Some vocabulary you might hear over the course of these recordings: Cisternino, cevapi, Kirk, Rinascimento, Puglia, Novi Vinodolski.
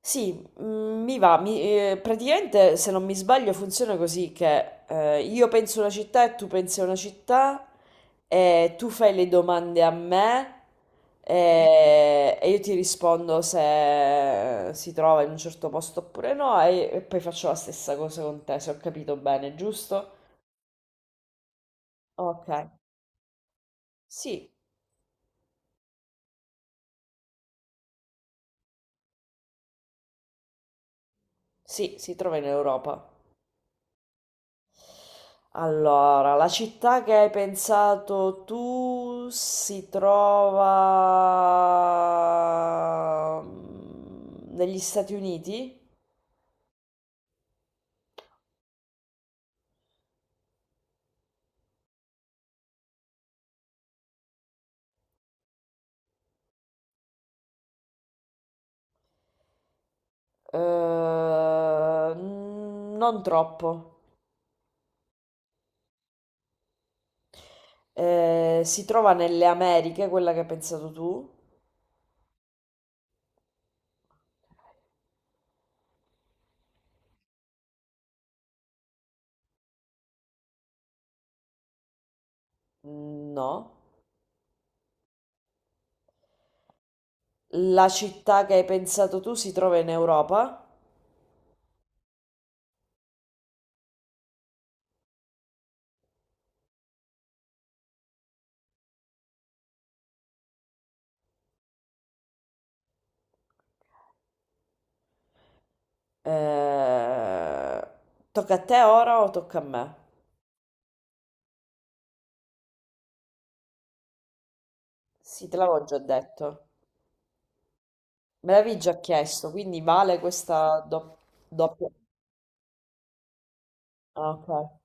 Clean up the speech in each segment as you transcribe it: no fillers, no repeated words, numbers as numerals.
Sì, mi va, praticamente se non mi sbaglio funziona così che io penso una città e tu pensi a una città e tu fai le domande a me. Mhm. E io ti rispondo se si trova in un certo posto oppure no e poi faccio la stessa cosa con te, se ho capito bene, giusto? Ok, sì, sì, si trova in Europa. Allora, la città che hai pensato tu si trova negli Stati Uniti? Eh, non troppo. Si trova nelle Americhe, quella che hai pensato tu? Mm, no. La città che hai pensato tu si trova in Europa? Eh, Tocca a te ora o tocca a me? Sì, te l'avevo già detto. Me l'avevi già chiesto, quindi vale questa doppia... Ah, ok.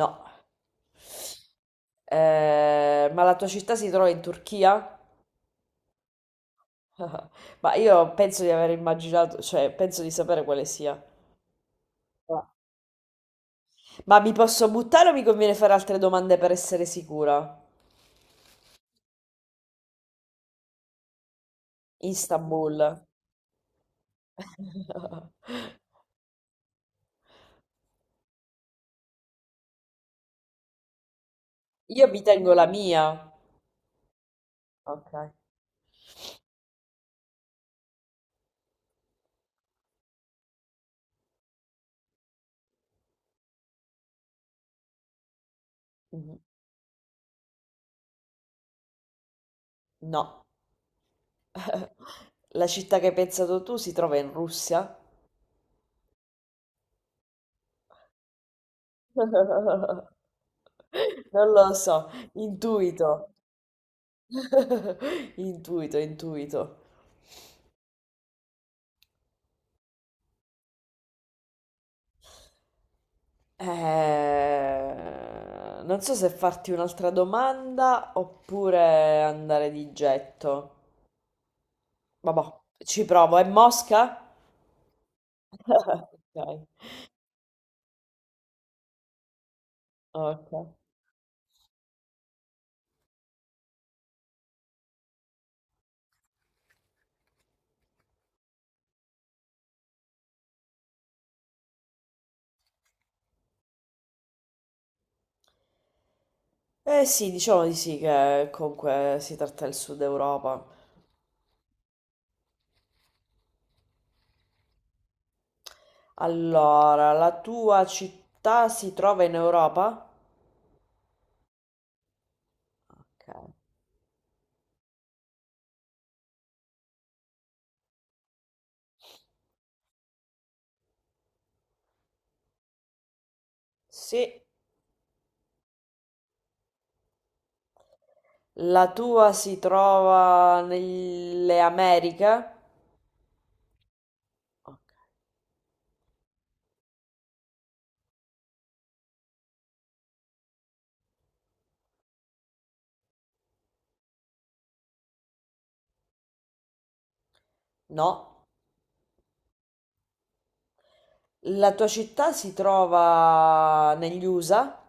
No. Ma la tua città si trova in Turchia? Ma io penso di aver immaginato, cioè penso di sapere quale sia. Ah. Ma mi posso buttare o mi conviene fare altre domande per essere sicura? Istanbul. Io mi tengo la mia. Ok. Mhm. No. La città che hai pensato tu si trova in Russia? Non lo so, intuito, intuito, intuito. Non so se farti un'altra domanda oppure andare di getto. Vabbè, ci provo. È Mosca? Ok, ok. Eh sì, diciamo di sì che comunque si tratta del Sud Europa. Allora, la tua città si trova in Europa? Ok. Sì. La tua si trova nelle Americhe? Ok. No. La tua città si trova negli USA?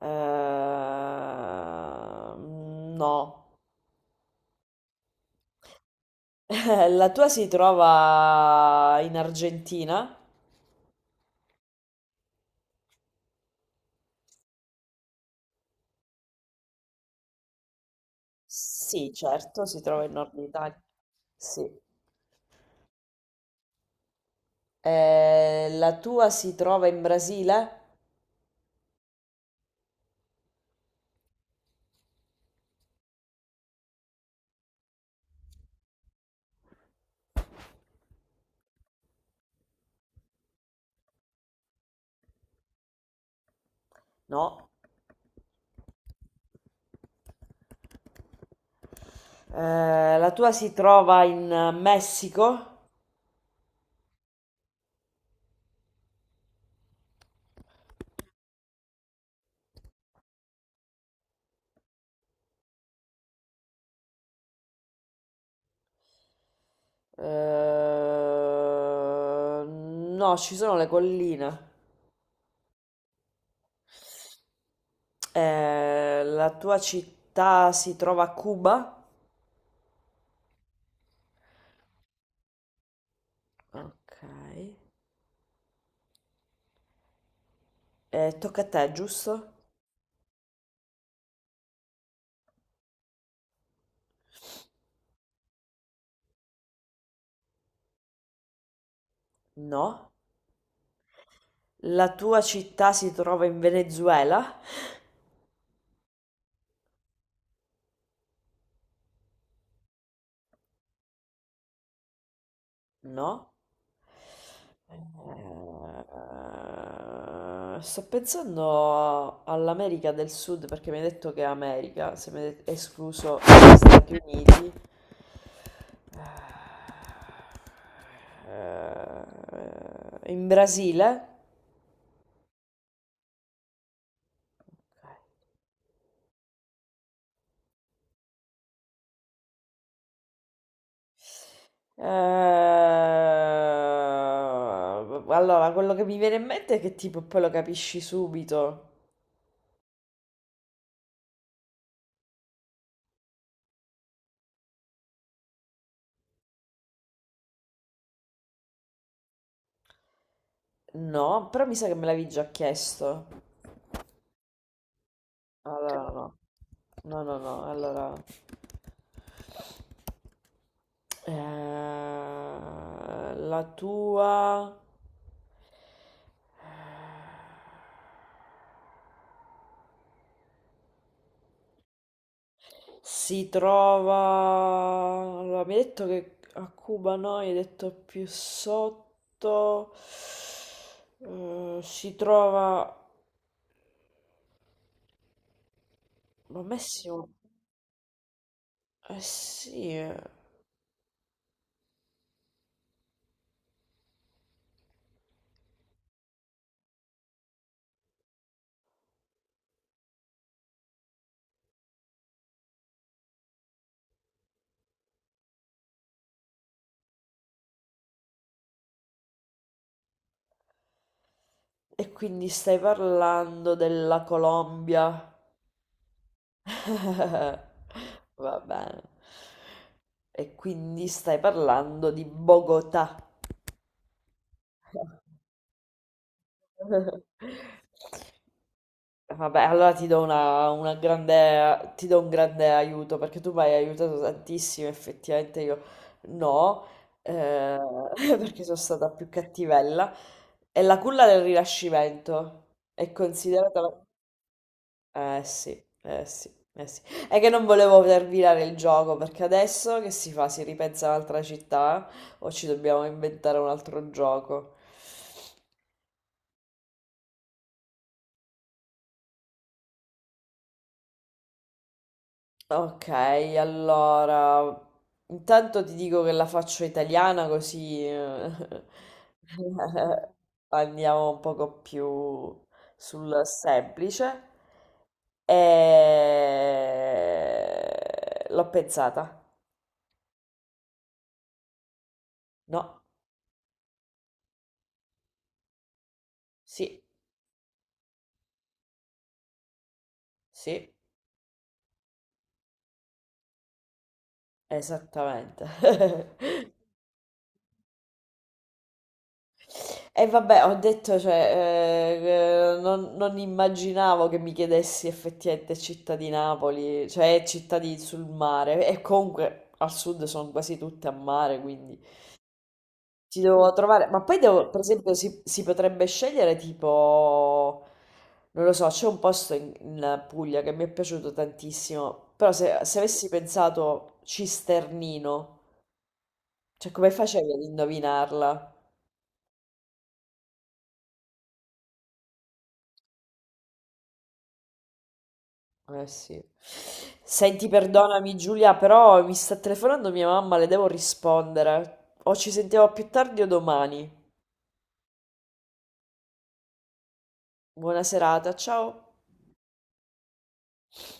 No. La tua si trova in Argentina? Sì, certo, si trova in Nord Italia. Sì. La tua si trova in Brasile? No. La tua si trova in Messico? No, ci sono le colline. La tua città si trova a Cuba? Ok. Tocca a te, giusto? No. La tua città si trova in Venezuela? No. Sto pensando all'America del Sud perché mi hai detto che è America, se mi hai escluso gli Stati Uniti. In Brasile? Allora, quello che mi viene in mente è che tipo poi lo capisci subito. No, però mi sa che me l'avevi già chiesto. Allora, no. No, no, no, allora... Eh, la tua... Si trova... Allora, mi hai detto che a Cuba no, hai detto più sotto. Si trova... Ma Messico... Eh sì, eh. E quindi stai parlando della Colombia. Va bene. E quindi stai parlando di Bogotà. Vabbè, allora ti do una grande, ti do un grande aiuto perché tu mi hai aiutato tantissimo, effettivamente io no, eh, perché sono stata più cattivella. È la culla del Rinascimento, è considerata la... Eh sì, eh sì, eh sì. È che non volevo terminare il gioco perché adesso che si fa? Si ripensa un'altra città o ci dobbiamo inventare un altro gioco? Ok, allora, intanto ti dico che la faccio italiana così andiamo un poco più sul semplice. E... L'ho pensata. No, sì, sì, esattamente. E vabbè, ho detto, cioè, non immaginavo che mi chiedessi effettivamente città di Napoli, cioè sul mare, e comunque al sud sono quasi tutte a mare, quindi ci devo trovare, ma poi devo, per esempio, si potrebbe scegliere tipo, non lo so, c'è un posto in Puglia che mi è piaciuto tantissimo, però se avessi pensato Cisternino, cioè come facevi ad indovinarla? Eh sì. Senti, perdonami Giulia, però mi sta telefonando mia mamma, le devo rispondere. O ci sentiamo più tardi o domani. Buona serata, ciao.